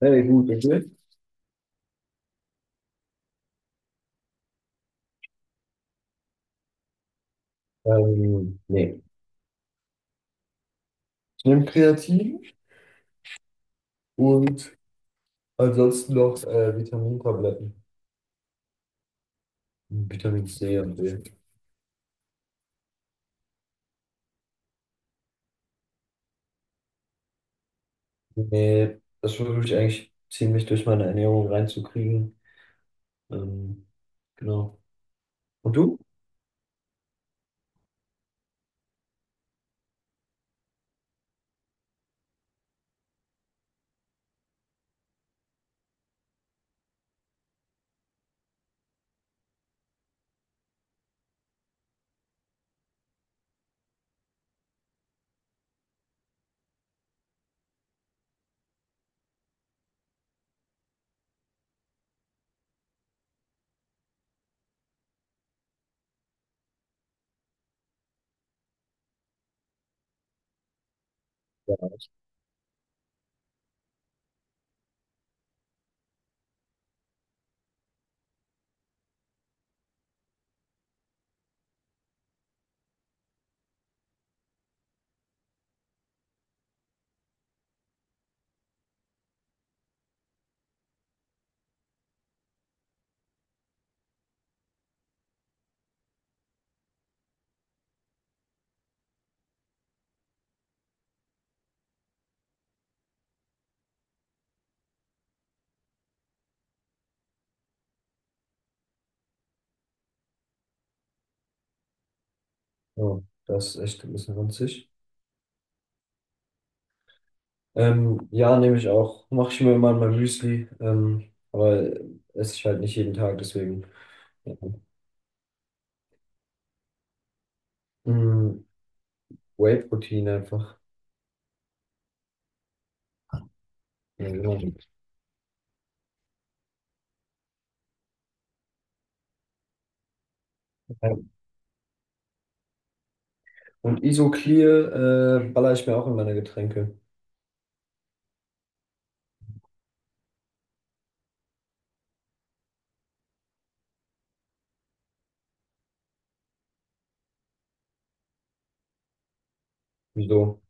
Hey, gut, okay. Nee. Ich nehme Kreatin und ansonsten noch Vitamintabletten. Vitamin C und D. Nee, das versuche ich eigentlich ziemlich durch meine Ernährung reinzukriegen. Ähm, genau. Und du? Oh, das ist echt ein bisschen ranzig. Ja, nehme ich auch. Mache ich mir immer in mein Müsli. Aber esse ich halt nicht jeden Tag, deswegen. Mhm. Whey-Protein einfach. Ja, genau. Und Isoclear baller ich mir auch in meine Getränke. Wieso?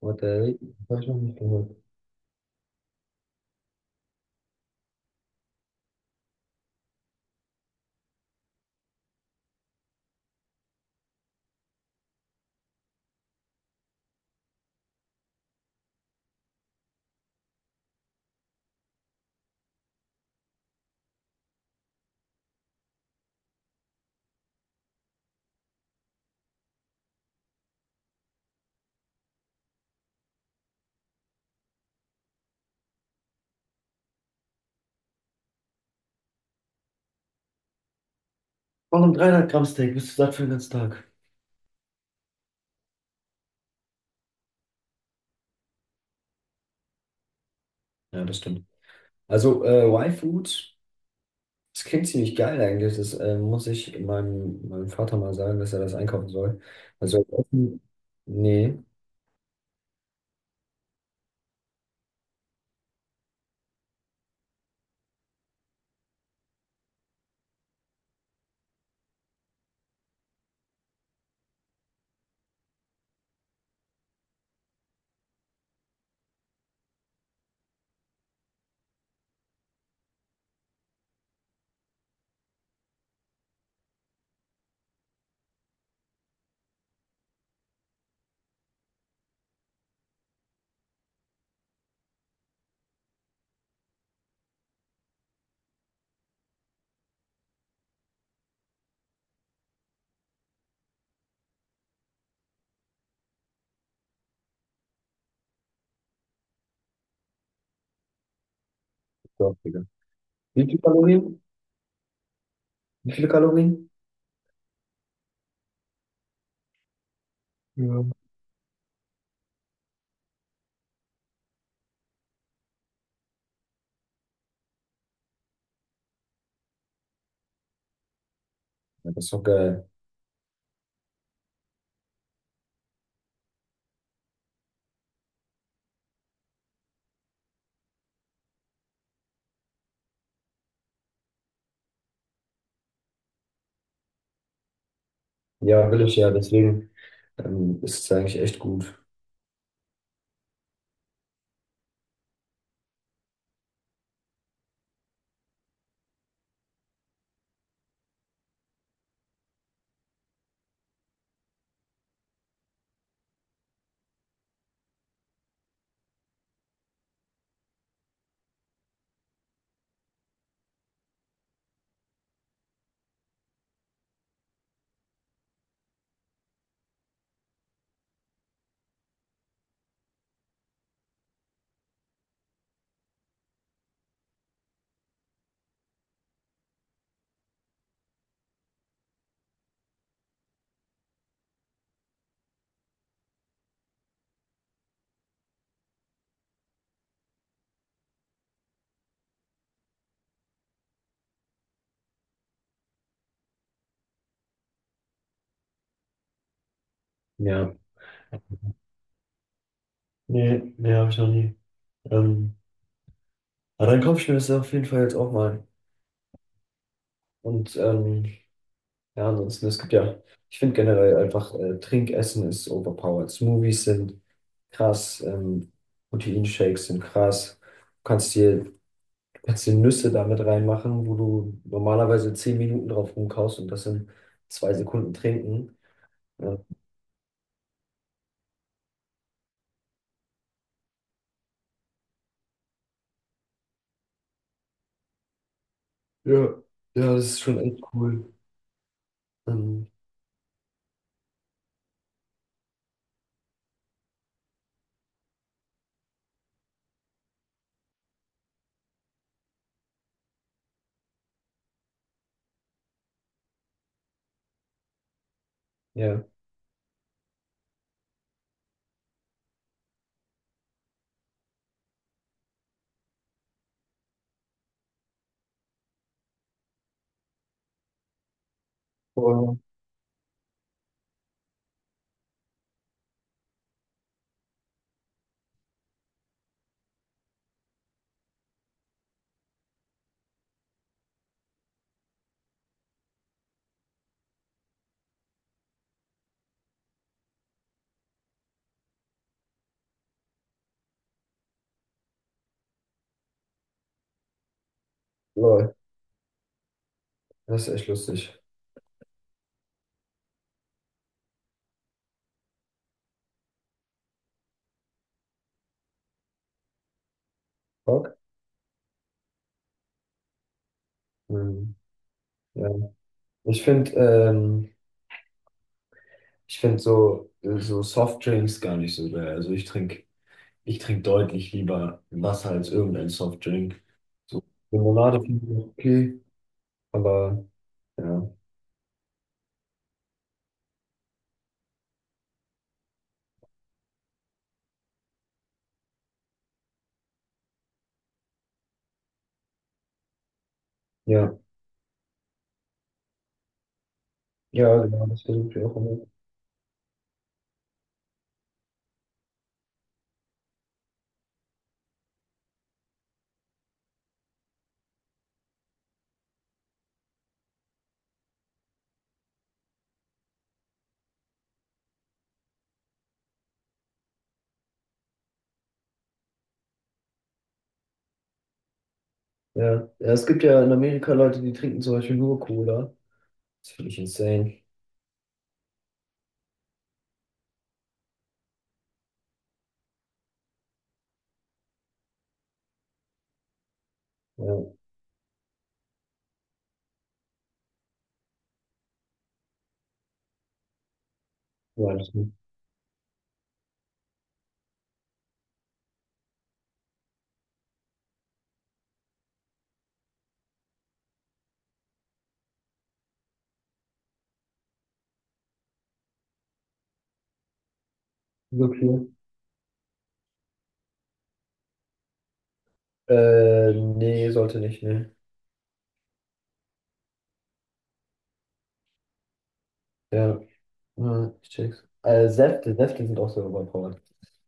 What the hell? Hab ich noch nicht gehört. Auch ein 300 Gramm Steak bist du satt für den ganzen Tag. Ja, das stimmt. Also Y-Food, das klingt ziemlich geil eigentlich. Das muss ich meinem Vater mal sagen, dass er das einkaufen soll. Also offen. Nee, doch, Digga. Wie viele Kalorien? Wie viele Kalorien? Ja. Ja, das ist doch geil. Ja, will ich ja, deswegen ist es eigentlich echt gut. Ja. Nee, nee, habe ich noch nie. Ähm, Aber dann kaufe ich mir das auf jeden Fall jetzt auch mal. Und ja, ansonsten, es gibt ja, ich finde generell einfach, Trinkessen ist overpowered. Smoothies sind krass. Proteinshakes sind krass. Du kannst dir Nüsse damit reinmachen, wo du normalerweise 10 Minuten drauf rumkaust und das in 2 Sekunden trinken. Ja, ja, ja, das ist schon echt cool. Ähm, ja, aber, lol, das ist echt lustig. Bock? Ähm, ja. Ich finde, ähm, Ich finde so, so Softdrinks gar nicht so geil. Also ich trink deutlich lieber Wasser als irgendein Softdrink. So Limonade finde ich okay, aber ja. Ja, ja, genau, das versuche ich auch immer. Ja. Ja, es gibt ja in Amerika Leute, die trinken zum Beispiel nur Cola. Das finde ich insane. Ja, ja, das ist. Wirklich? Nee, sollte nicht, ne. Ja, ja, ich check's. Säfte, Säfte sind auch so überpowered.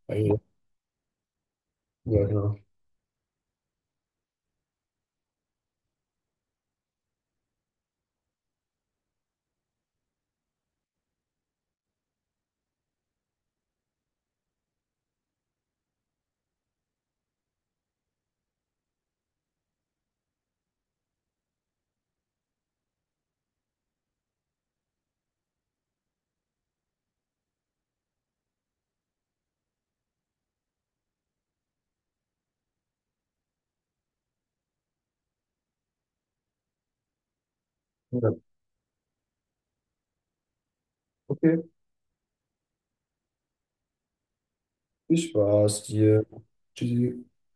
Also, ja, genau. Ja. Okay. Ich war's dir. Tschüssi.